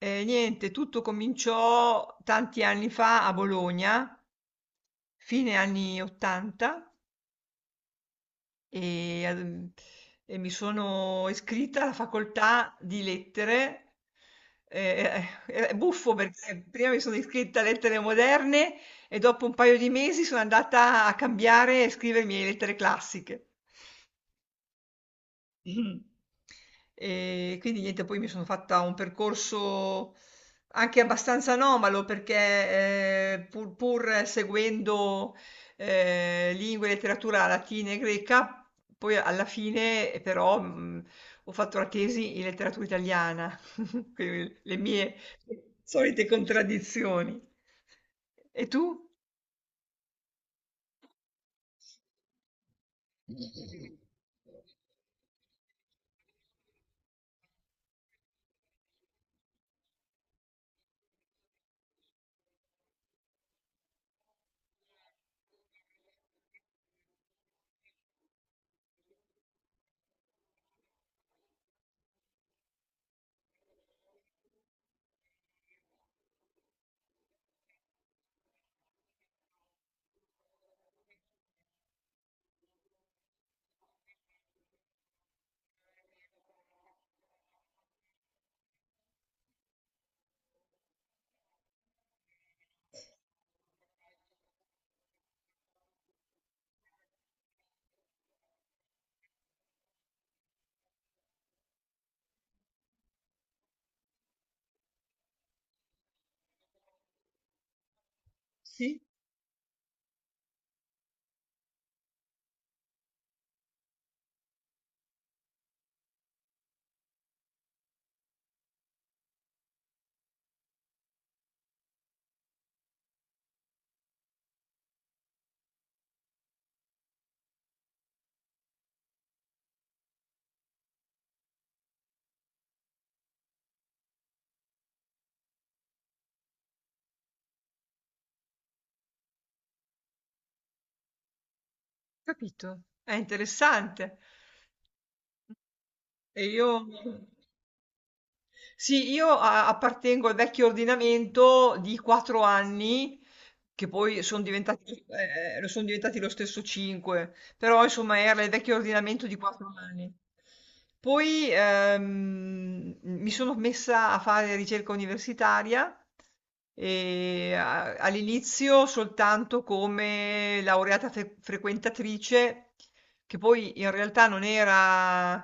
E niente, tutto cominciò tanti anni fa a Bologna, fine anni 80. E, ehm, e mi sono iscritta alla facoltà di lettere. È buffo perché prima mi sono iscritta a lettere moderne e dopo un paio di mesi sono andata a cambiare e scrivermi le lettere classiche. Mh-mh. E quindi niente, poi mi sono fatta un percorso anche abbastanza anomalo perché, pur seguendo, lingue e letteratura latina e greca, poi alla fine però, ho fatto la tesi in letteratura italiana, quindi le mie solite contraddizioni. E tu? Sì, capito, è interessante. E io sì, io a appartengo al vecchio ordinamento di 4 anni, che poi son diventati lo son diventati lo stesso 5, però insomma era il vecchio ordinamento di quattro anni. Poi mi sono messa a fare ricerca universitaria e all'inizio soltanto come laureata frequentatrice, che poi in realtà non era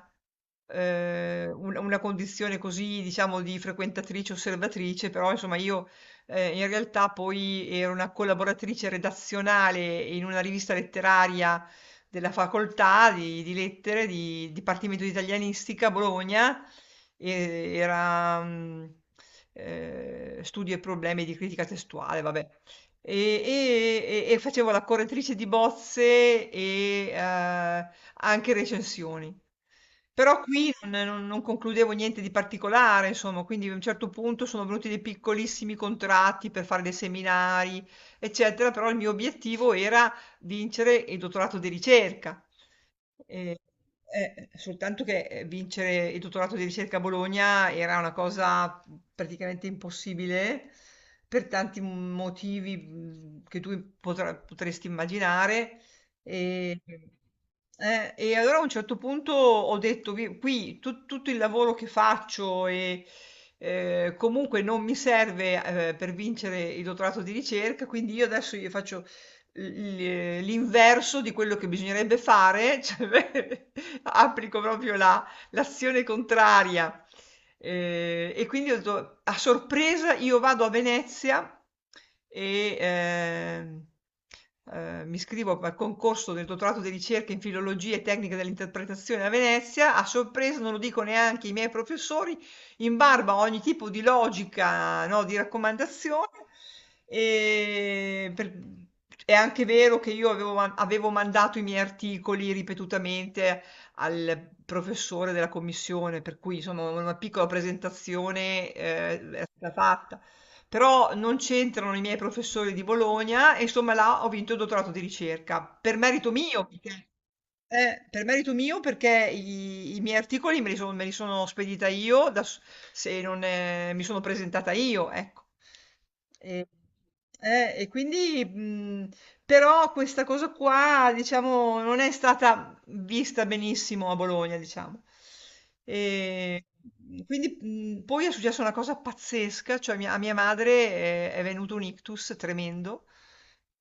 una condizione così, diciamo, di frequentatrice osservatrice, però insomma io in realtà poi ero una collaboratrice redazionale in una rivista letteraria della facoltà di lettere di Dipartimento di Italianistica a Bologna, era studio e problemi di critica testuale, vabbè. E facevo la correttrice di bozze e, anche recensioni. Però qui non concludevo niente di particolare, insomma, quindi a un certo punto sono venuti dei piccolissimi contratti per fare dei seminari, eccetera, però il mio obiettivo era vincere il dottorato di ricerca. Eh, soltanto che vincere il dottorato di ricerca a Bologna era una cosa praticamente impossibile per tanti motivi, che tu potresti immaginare. E, e allora a un certo punto ho detto, qui tutto il lavoro che faccio e, comunque non mi serve, per vincere il dottorato di ricerca, quindi io adesso io faccio l'inverso di quello che bisognerebbe fare, cioè, applico proprio l'azione contraria. E quindi ho detto, a sorpresa io vado a Venezia e mi iscrivo al concorso del dottorato di ricerca in filologia e tecnica dell'interpretazione a Venezia. A sorpresa non lo dico neanche ai miei professori, in barba a ogni tipo di logica, no, di raccomandazione. E per- È anche vero che io avevo, avevo mandato i miei articoli ripetutamente al professore della commissione, per cui insomma una piccola presentazione, è stata fatta. Però non c'entrano i miei professori di Bologna e insomma là ho vinto il dottorato di ricerca, per merito mio, perché, per merito mio, perché i miei articoli me me li sono spedita io, da s- se non mi sono presentata io, ecco. E, e quindi, però questa cosa qua, diciamo, non è stata vista benissimo a Bologna, diciamo. E quindi, poi è successa una cosa pazzesca, cioè a mia madre, è venuto un ictus tremendo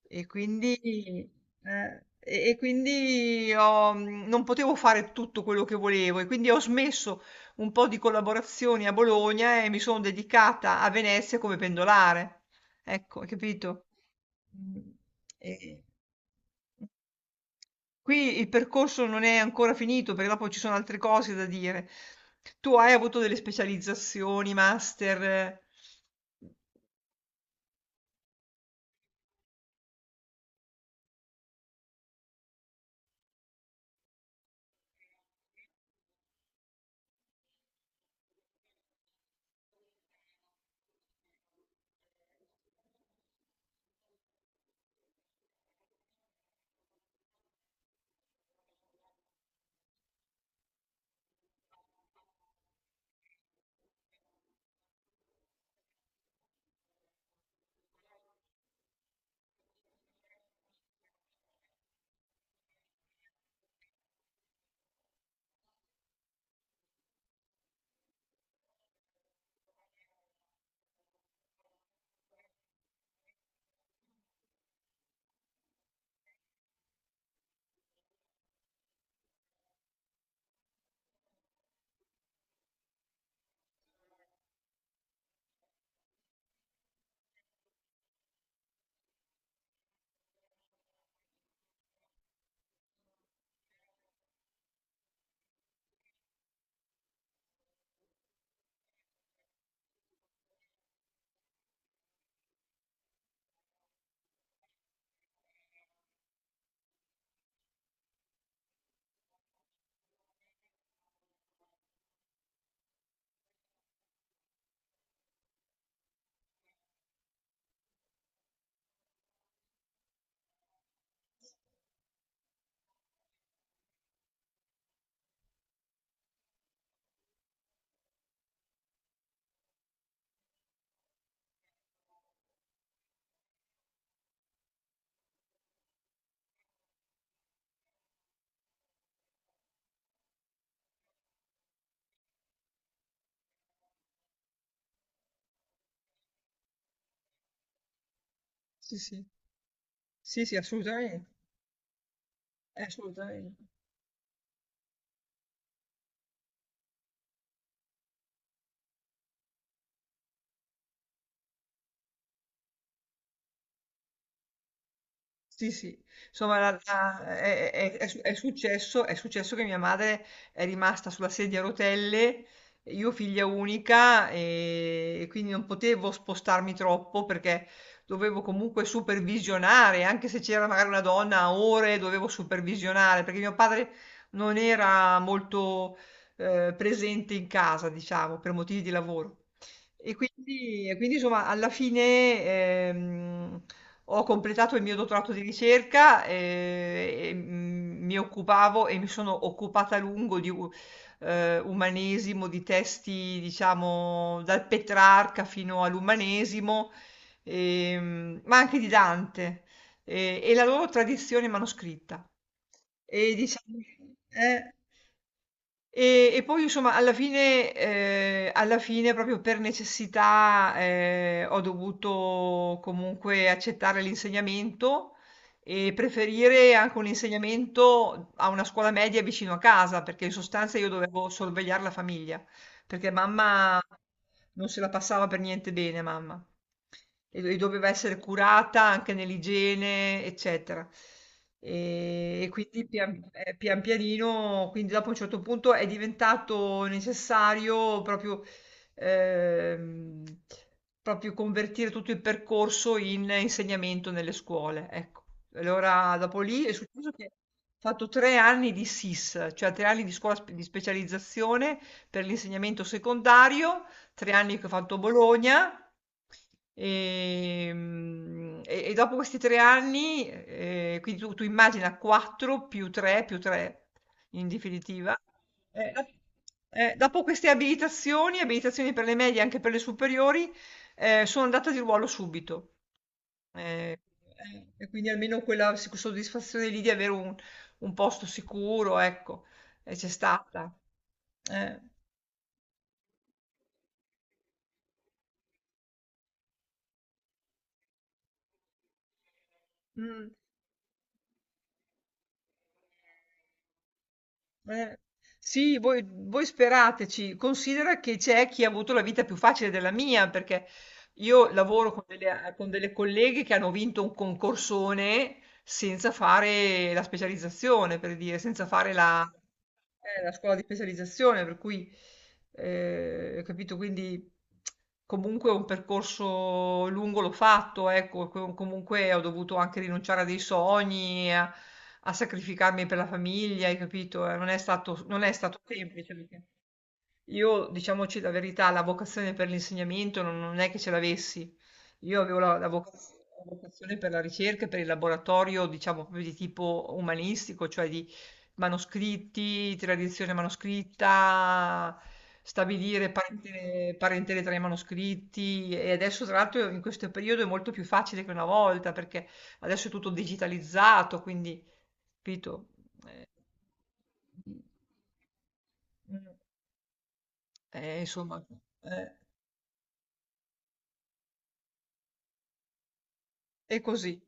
e quindi, e quindi non potevo fare tutto quello che volevo e quindi ho smesso un po' di collaborazioni a Bologna e mi sono dedicata a Venezia come pendolare. Ecco, hai capito? Mm. E... Qui il percorso non è ancora finito, perché dopo ci sono altre cose da dire. Tu hai avuto delle specializzazioni, master? Eh? Sì, sì, sì, sì, assolutamente, assolutamente. Sì, sì, insomma è successo che mia madre è rimasta sulla sedia a rotelle, io figlia unica, e quindi non potevo spostarmi troppo perché dovevo comunque supervisionare, anche se c'era magari una donna a ore, dovevo supervisionare perché mio padre non era molto, presente in casa, diciamo, per motivi di lavoro. E quindi, insomma, alla fine ehm, ho completato il mio dottorato di ricerca, e, mi occupavo e mi sono occupata a lungo di umanesimo, di testi, diciamo, dal Petrarca fino all'umanesimo, ma anche di Dante, e la loro tradizione manoscritta. E diciamo, eh, e poi insomma alla fine, alla fine proprio per necessità, ho dovuto comunque accettare l'insegnamento e preferire anche un insegnamento a una scuola media vicino a casa, perché in sostanza io dovevo sorvegliare la famiglia, perché mamma non se la passava per niente bene mamma. E doveva essere curata anche nell'igiene, eccetera. E quindi pian pianino, quindi dopo a un certo punto è diventato necessario proprio, ehm, proprio convertire tutto il percorso in insegnamento nelle scuole, ecco. Allora dopo lì è successo che ho fatto 3 anni di SIS, cioè 3 anni di scuola sp di specializzazione per l'insegnamento secondario, 3 anni che ho fatto Bologna. Ehm, e dopo questi 3 anni, quindi tu immagina 4 più 3 più 3 in definitiva. Eh, dop- dopo queste abilitazioni per le medie e anche per le superiori, sono andata di ruolo subito. Eh, e quindi almeno quella soddisfazione lì di avere un posto sicuro, ecco, c'è stata. Eh, mm. Eh, sì, voi sperateci. Considera che c'è chi ha avuto la vita più facile della mia, perché io lavoro con con delle colleghe che hanno vinto un concorsone senza fare la specializzazione, per dire, senza fare la... È la scuola di specializzazione, per cui, ho capito, quindi comunque un percorso lungo l'ho fatto, ecco, comunque ho dovuto anche rinunciare a dei sogni, a, a sacrificarmi per la famiglia, hai capito? Non è stato, non è stato semplice. Io, diciamoci la verità, la vocazione per l'insegnamento non è che ce l'avessi. Io avevo la la vocazione per la ricerca, e per il laboratorio, diciamo proprio di tipo umanistico, cioè di manoscritti, tradizione manoscritta, stabilire parentele, parentele tra i manoscritti. E adesso, tra l'altro, in questo periodo è molto più facile che una volta, perché adesso è tutto digitalizzato, quindi, capito? Eh, mm. Insomma, eh, è così.